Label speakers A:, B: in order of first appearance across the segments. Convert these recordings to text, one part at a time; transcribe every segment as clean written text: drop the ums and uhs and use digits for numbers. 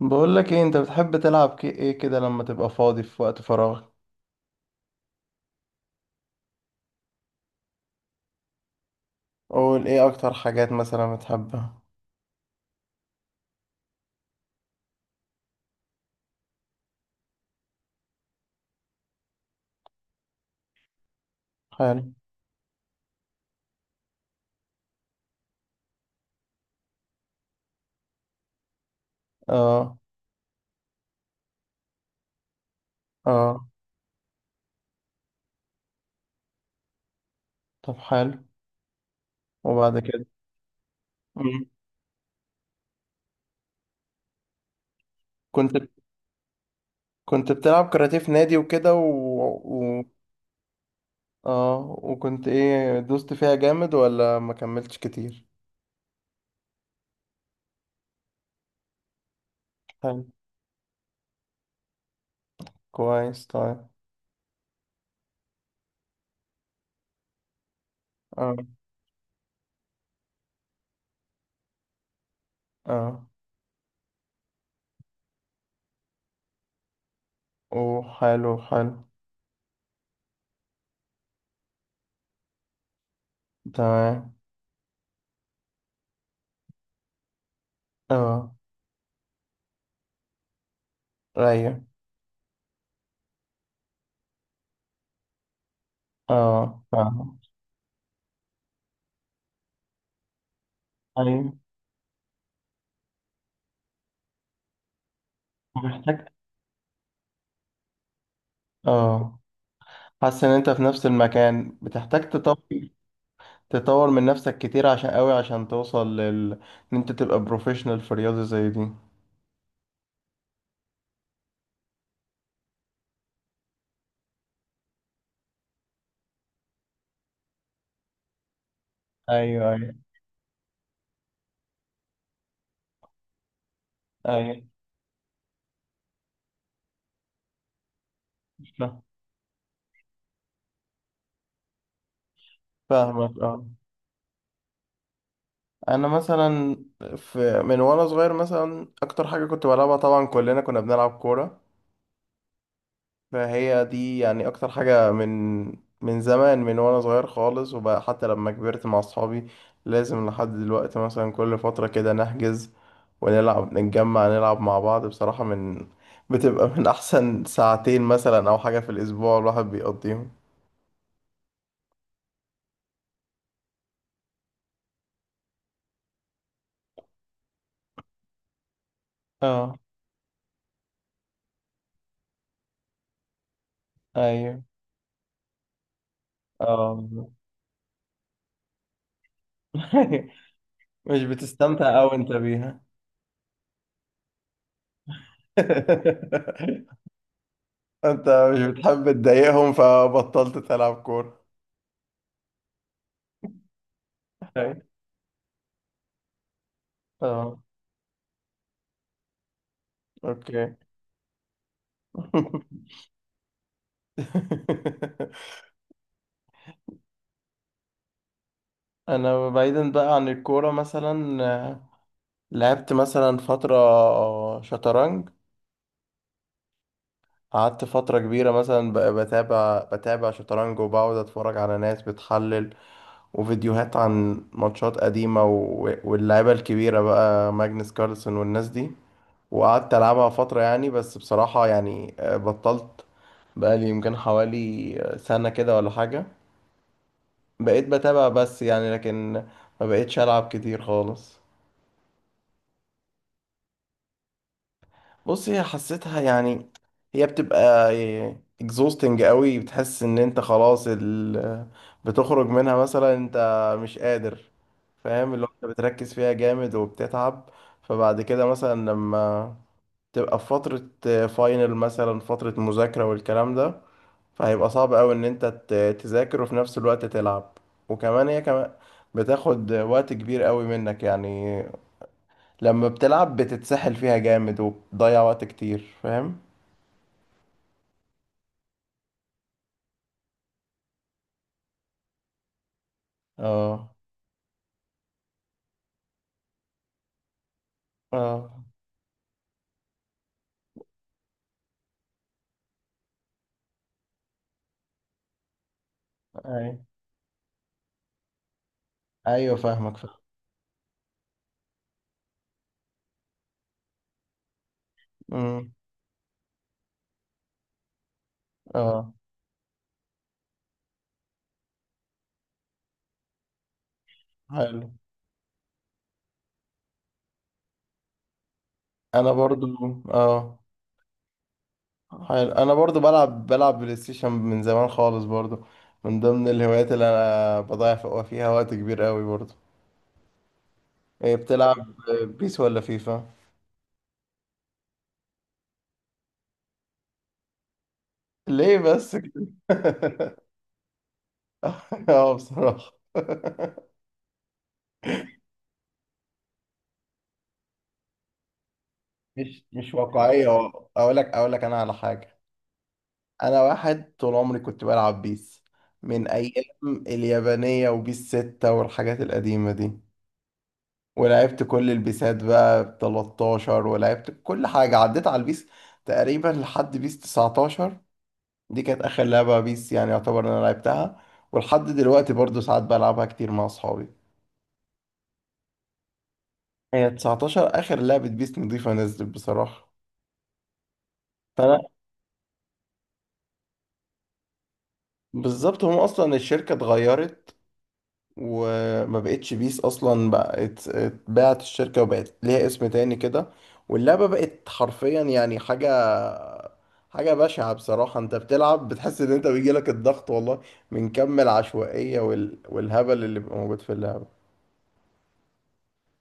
A: بقول لك ايه؟ انت بتحب تلعب ايه كده لما تبقى فاضي في وقت فراغ؟ قول ايه اكتر حاجات مثلا بتحبها. حلو. اه، اه. طب حلو، وبعد كده؟ مم. كنت كنت بتلعب كاراتيه في نادي وكده، و... اه. وكنت ايه؟ دوست فيها جامد ولا ما كملتش كتير؟ حلو، كويس، طيب. اه، اه. وحلو، حلو. تمام. اه. رايق. اه، فاهم. ايوه، محتاج. اه، حاسس ان انت في نفس المكان، بتحتاج تطور. تطور من نفسك كتير، عشان قوي، عشان توصل لل، ان انت تبقى بروفيشنال في رياضة زي دي. ايوه، ايوه. ايوه، فا- فاهمك، اه. انا مثلا، في من وانا صغير، مثلا اكتر حاجة كنت بلعبها طبعا كلنا كنا بنلعب كورة، فهي دي يعني اكتر حاجة، من زمان، من وانا صغير خالص، وبقى حتى لما كبرت مع اصحابي لازم لحد دلوقتي مثلا كل فترة كده نحجز ونلعب، نتجمع نلعب مع بعض بصراحة، من بتبقى من احسن ساعتين مثلا او حاجة في الاسبوع الواحد بيقضيهم. اه. ايوه. اه، بالظبط. مش بتستمتع أوي انت بيها؟ انت مش بتحب تضايقهم فبطلت تلعب كورة. أيوة. اه. اوكي. انا بعيدا بقى عن الكوره، مثلا لعبت مثلا فتره شطرنج. قعدت فتره كبيره مثلا، بقى بتابع، شطرنج، وبقعد اتفرج على ناس بتحلل وفيديوهات عن ماتشات قديمه، واللعيبه الكبيره بقى، ماجنس كارلسن والناس دي. وقعدت العبها فتره يعني، بس بصراحه يعني بطلت، بقى لي يمكن حوالي سنه كده ولا حاجه. بقيت بتابع بس يعني، لكن ما بقيتش ألعب كتير خالص. بص، هي حسيتها يعني، هي بتبقى exhausting قوي. بتحس ان انت خلاص بتخرج منها مثلا، انت مش قادر، فاهم؟ اللي هو انت بتركز فيها جامد وبتتعب. فبعد كده مثلا لما تبقى في فترة فاينل، مثلا فترة مذاكرة والكلام ده، فهيبقى صعب قوي ان انت تذاكر وفي نفس الوقت تلعب. وكمان هي كمان بتاخد وقت كبير قوي منك يعني، لما بتلعب بتتسحل فيها جامد وبتضيع وقت كتير، فاهم؟ اه. اه. اي. ايوه، فاهمك، فاهم. أمم، اه. حلو انا برضو اه حلو، انا برضو بلعب بلاي ستيشن من زمان خالص برضو، من ضمن الهوايات اللي انا بضيع فيها وقت كبير قوي برضو. ايه بتلعب؟ بيس ولا فيفا؟ ليه بس كده؟ اه، بصراحة. مش واقعية. اقول لك انا على حاجة. انا واحد طول عمري كنت بلعب بيس، من ايام اليابانية وبيس ستة والحاجات القديمة دي، ولعبت كل البيسات بقى، ب 13، ولعبت كل حاجة، عديت على البيس تقريبا لحد بيس 19. دي كانت اخر لعبة بيس يعني، يعتبر إن انا لعبتها، ولحد دلوقتي برضو ساعات بلعبها كتير مع اصحابي. هي 19 اخر لعبة بيس نضيفة نزلت بصراحة. فانا بالظبط، هم اصلا الشركة اتغيرت، وما بقتش بيس اصلا، بقت اتباعت الشركه وبقت ليها اسم تاني كده، واللعبه بقت حرفيا يعني حاجه بشعه بصراحه. انت بتلعب بتحس ان انت بيجيلك الضغط، والله، من كم العشوائيه والهبل اللي بيبقى موجود في اللعبه.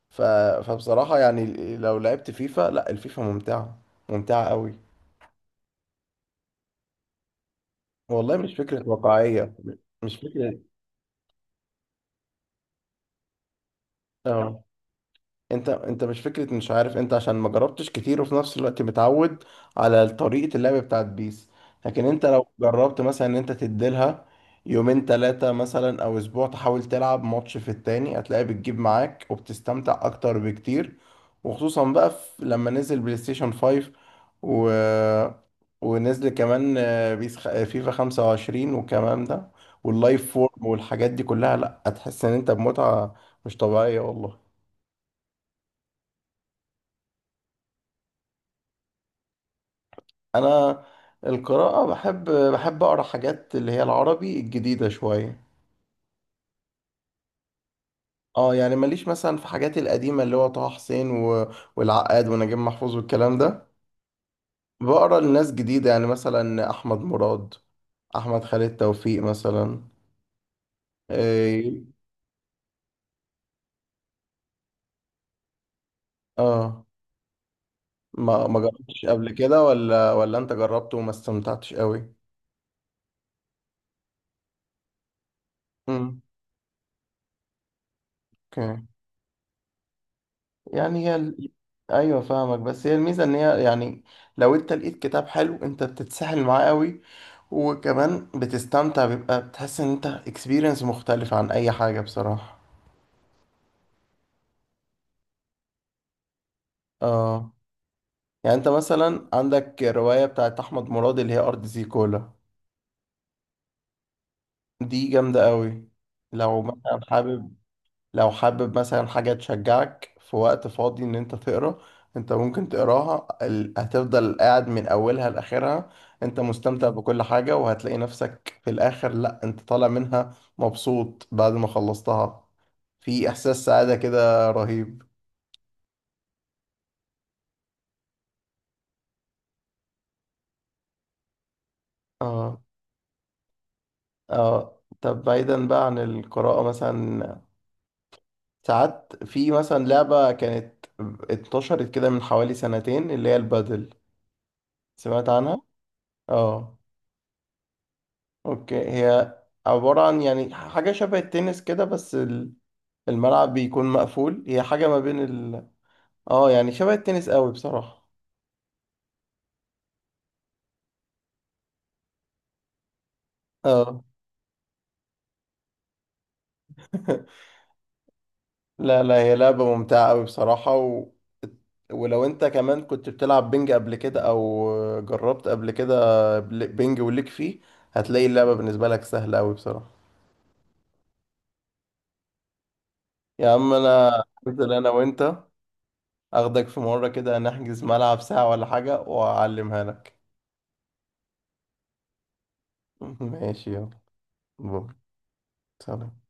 A: ف... فبصراحه يعني لو لعبت فيفا، لا، الفيفا ممتعه، ممتعه قوي، والله. مش فكره واقعيه؟ مش فكره. اه، انت مش فكره، مش عارف انت، عشان ما جربتش كتير وفي نفس الوقت متعود على طريقه اللعب بتاعت بيس. لكن انت لو جربت مثلا ان انت تديلها يومين ثلاثه مثلا او اسبوع، تحاول تلعب ماتش في التاني، هتلاقي بتجيب معاك وبتستمتع اكتر بكتير. وخصوصا بقى في، لما نزل بلاي ستيشن 5 و... ونزل كمان بيس فيفا 25 والكلام ده، واللايف فورم والحاجات دي كلها، لا هتحس ان انت بمتعه مش طبيعيه، والله. انا القراءة بحب، اقرا حاجات اللي هي العربي الجديدة شوية. اه، يعني ماليش مثلا في حاجات القديمة، اللي هو طه حسين والعقاد ونجيب محفوظ والكلام ده، بقرا لناس جديدة يعني، مثلا احمد مراد، احمد خالد توفيق مثلا. إيه... اه. ما جربتش قبل كده، ولا انت جربته وما استمتعتش قوي؟ امم. يعني هي ايوه فاهمك. بس هي الميزه ان هي يعني، لو انت لقيت كتاب حلو انت بتتسحل معاه قوي، وكمان بتستمتع، بيبقى بتحس ان انت اكسبيرينس مختلف عن اي حاجه بصراحه. اه، يعني انت مثلا عندك روايه بتاعت احمد مراد اللي هي ارض زيكولا، دي جامده قوي. لو مثلا حابب لو حابب مثلا حاجة تشجعك في وقت فاضي ان انت تقرا، انت ممكن تقراها، هتفضل قاعد من اولها لاخرها انت مستمتع بكل حاجة، وهتلاقي نفسك في الاخر، لا انت طالع منها مبسوط بعد ما خلصتها، في احساس سعادة كده رهيب. اه، اه. طب بعيدا بقى عن القراءة، مثلا ساعات في مثلا لعبة كانت انتشرت كده من حوالي سنتين، اللي هي البادل. سمعت عنها؟ اه، اوكي. هي عبارة عن يعني حاجة شبه التنس كده، بس الملعب بيكون مقفول، هي حاجة ما بين ال اه يعني شبه التنس قوي بصراحة. اه. لا، لا، هي لعبة ممتعة قوي بصراحة، ولو انت كمان كنت بتلعب بينج قبل كده او جربت قبل كده، بينج وليك فيه، هتلاقي اللعبة بالنسبة لك سهلة قوي بصراحة. يا عم انا هنزل انا وانت، اخدك في مرة كده نحجز ملعب ساعة ولا حاجة واعلمها لك. ماشي، يلا، باي. سلام.